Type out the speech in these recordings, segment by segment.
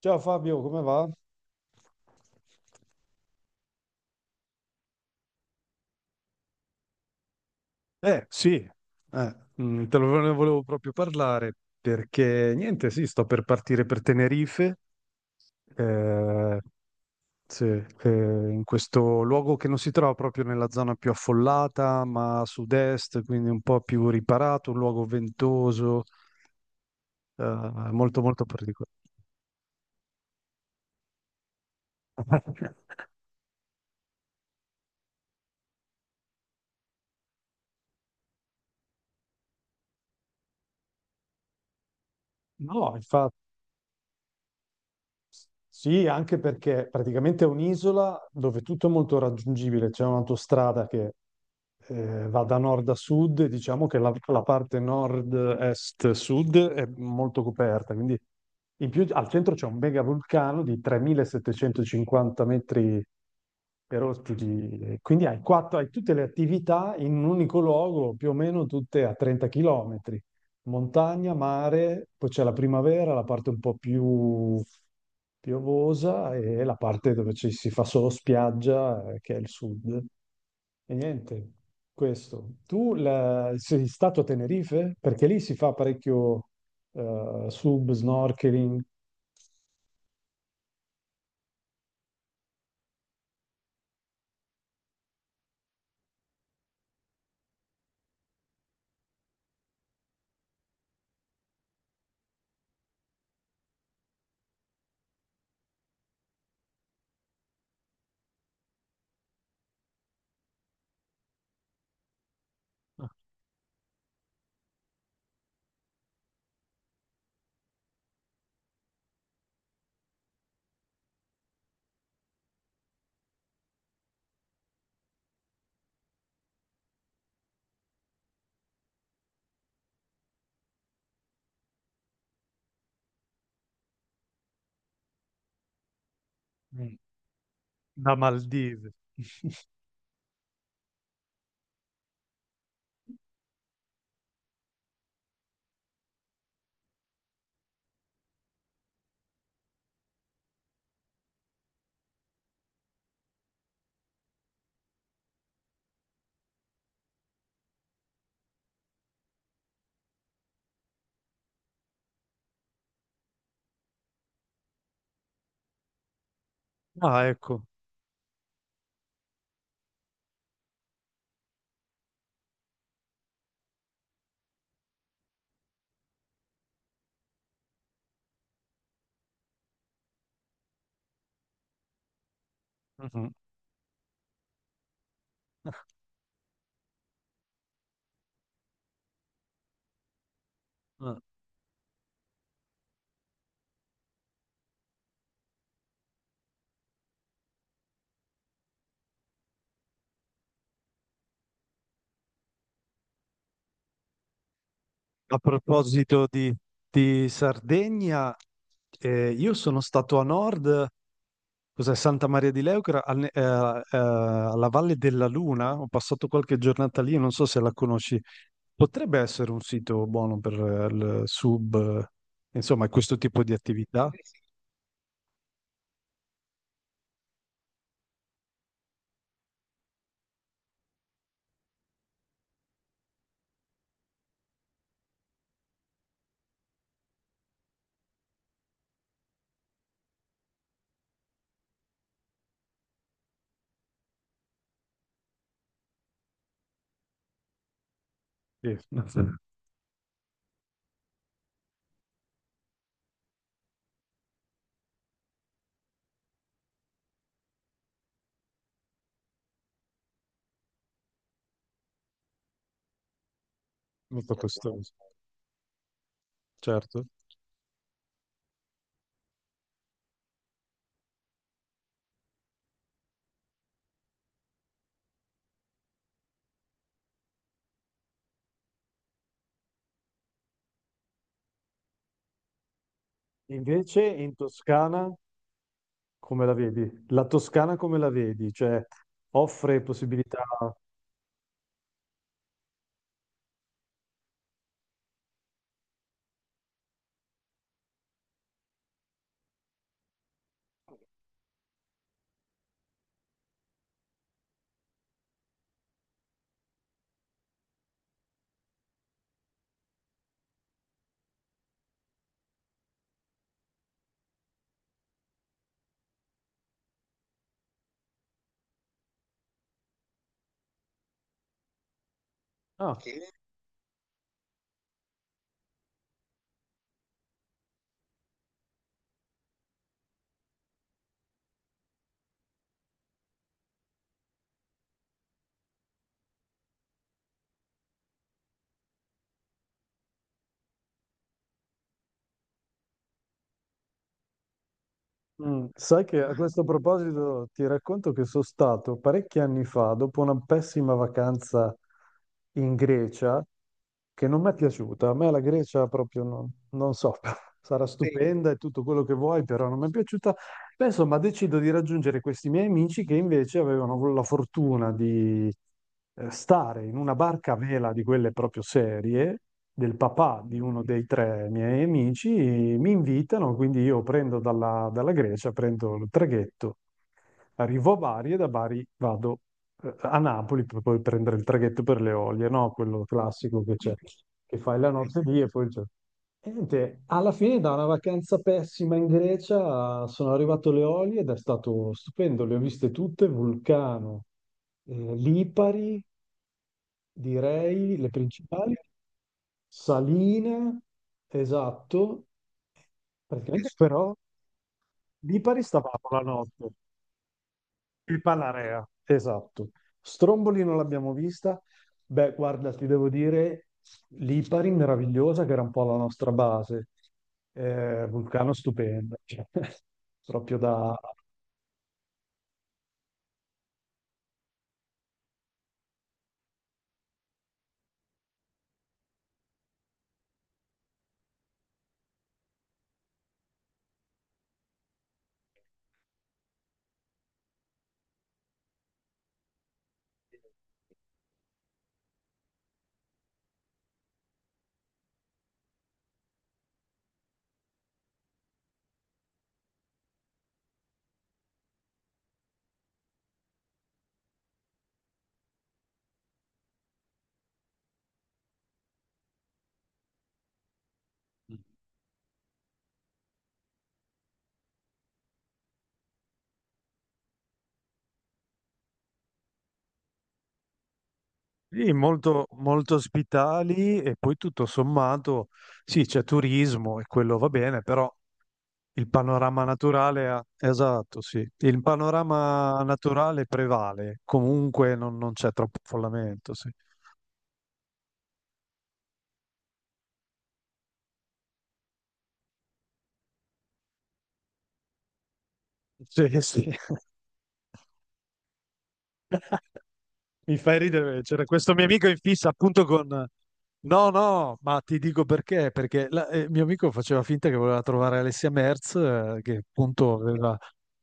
Ciao Fabio, come va? Eh sì, eh, ne volevo proprio parlare perché niente, sì, sto per partire per Tenerife, eh, sì, in questo luogo che non si trova proprio nella zona più affollata, ma a sud-est, quindi un po' più riparato, un luogo ventoso, eh, molto molto particolare. No, sì, anche perché praticamente è un'isola dove tutto è molto raggiungibile, c'è un'autostrada che va da nord a sud, e diciamo che la parte nord-est-sud è molto coperta, quindi in più al centro c'è un mega vulcano di 3750 metri per ospiti. Quindi hai, quattro, hai tutte le attività in un unico luogo, più o meno tutte a 30 km. Montagna, mare, poi c'è la primavera, la parte un po' più piovosa e la parte dove ci si fa solo spiaggia, che è il sud. E niente, questo. Sei stato a Tenerife? Perché lì si fa parecchio sub, snorkeling. Ah, mm. Da Maldive. Ah, ecco. Mhm. A proposito di Sardegna, io sono stato a nord, cos'è Santa Maria di Leucra, alla Valle della Luna, ho passato qualche giornata lì, non so se la conosci. Potrebbe essere un sito buono per il sub, insomma, questo tipo di attività. Sì. Molto costoso, certo. Invece in Toscana, come la vedi? La Toscana come la vedi? Cioè, offre possibilità... Ah. Sai che a questo proposito ti racconto che sono stato parecchi anni fa, dopo una pessima vacanza in Grecia, che non mi è piaciuta. A me la Grecia proprio non, non so, sarà, sì, stupenda e tutto quello che vuoi, però non mi è piaciuta. Beh, insomma, decido di raggiungere questi miei amici che invece avevano la fortuna di stare in una barca a vela di quelle proprio serie, del papà di uno dei tre miei amici, e mi invitano, quindi io prendo dalla Grecia, prendo il traghetto, arrivo a Bari e da Bari vado a Napoli per poi prendere il traghetto per le Olie, no? Quello classico che c'è, che fai la notte lì e poi il e niente, alla fine da una vacanza pessima in Grecia sono arrivato alle Eolie ed è stato stupendo, le ho viste tutte, Vulcano, Lipari, direi le principali, Saline, esatto, praticamente. Però Lipari stavamo la notte. Il Panarea, esatto. Stromboli non l'abbiamo vista. Beh, guarda, ti devo dire, l'Ipari meravigliosa, che era un po' la nostra base. Vulcano stupendo, cioè, proprio da... Sì, molto, molto ospitali e poi tutto sommato, sì, c'è turismo e quello va bene, però il panorama naturale, esatto, sì, il panorama naturale prevale, comunque non, non c'è troppo affollamento, sì. Sì, sì. Mi fai ridere, c'era questo mio amico in fissa appunto con... No, no, ma ti dico perché, perché mio amico faceva finta che voleva trovare Alessia Merz, che appunto aveva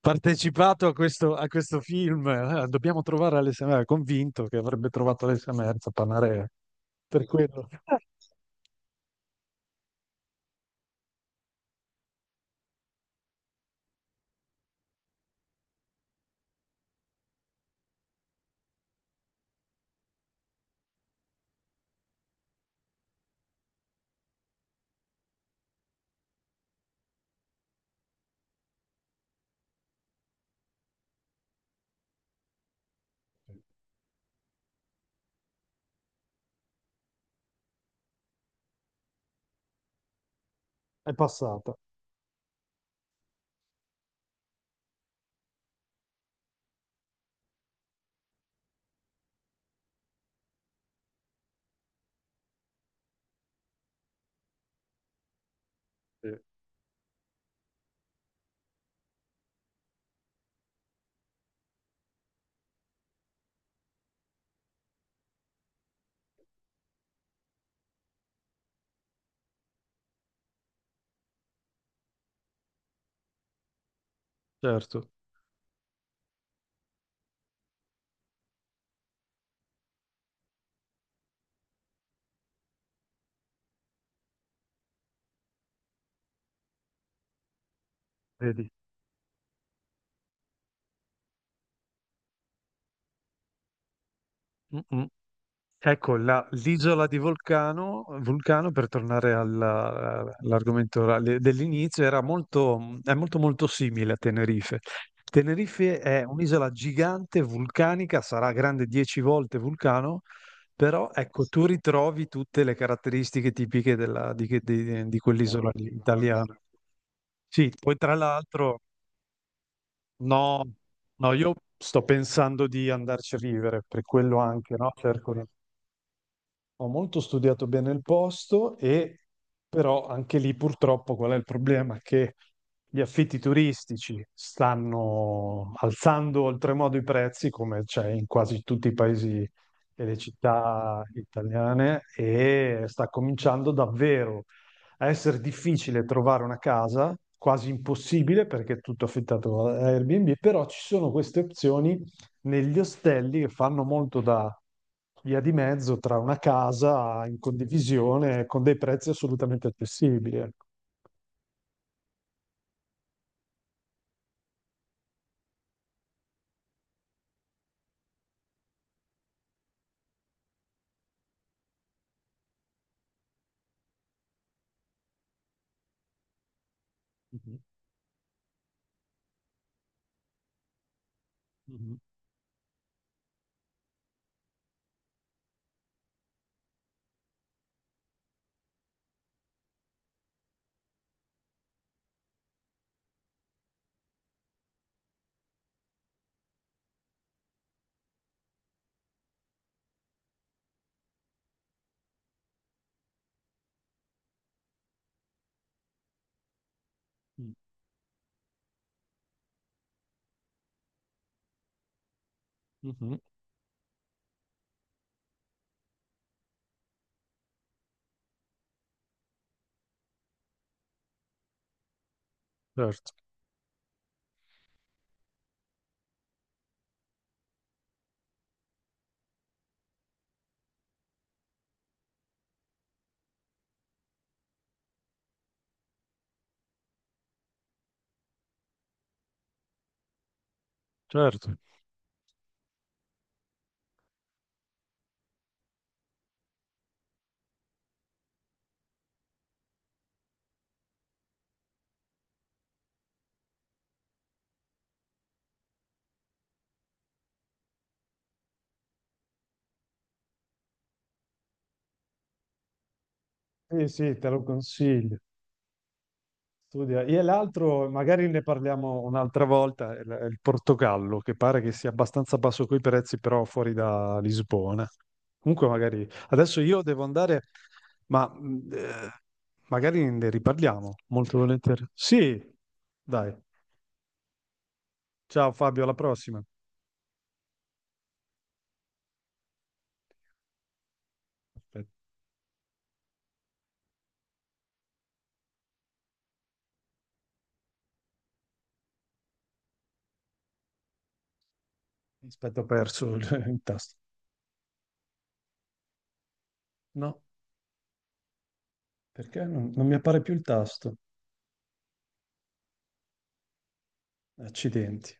partecipato a questo film. Dobbiamo trovare Alessia Merz, convinto che avrebbe trovato Alessia Merz a Panarea. Per quello è passata. Sì. Certo, vedi. Mm, mm. Ecco, l'isola di Vulcano, Vulcano, per tornare all'argomento orale dell'inizio, era molto, è molto molto simile a Tenerife. Tenerife è un'isola gigante, vulcanica, sarà grande 10 volte Vulcano, però ecco, tu ritrovi tutte le caratteristiche tipiche di quell'isola lì, italiana. Sì, poi tra l'altro, no, no, io sto pensando di andarci a vivere, per quello anche, no? Ho molto studiato bene il posto, e però anche lì purtroppo qual è il problema? Che gli affitti turistici stanno alzando oltremodo i prezzi, come c'è in quasi tutti i paesi e le città italiane, e sta cominciando davvero a essere difficile trovare una casa, quasi impossibile perché è tutto affittato a Airbnb. Però ci sono queste opzioni negli ostelli che fanno molto da via di mezzo tra una casa in condivisione con dei prezzi assolutamente accessibili. Ecco. Mhm, mhm, mhm, mhm. Certo, certo. Sì, sì, te lo consiglio. Studia. E l'altro, magari ne parliamo un'altra volta, è il Portogallo, che pare che sia abbastanza basso coi prezzi, però fuori da Lisbona. Comunque magari adesso io devo andare, ma magari ne riparliamo molto volentieri. Sì, dai. Ciao Fabio, alla prossima. Aspetta, aspetta, ho perso il tasto. No, perché non, non mi appare più il tasto? Accidenti.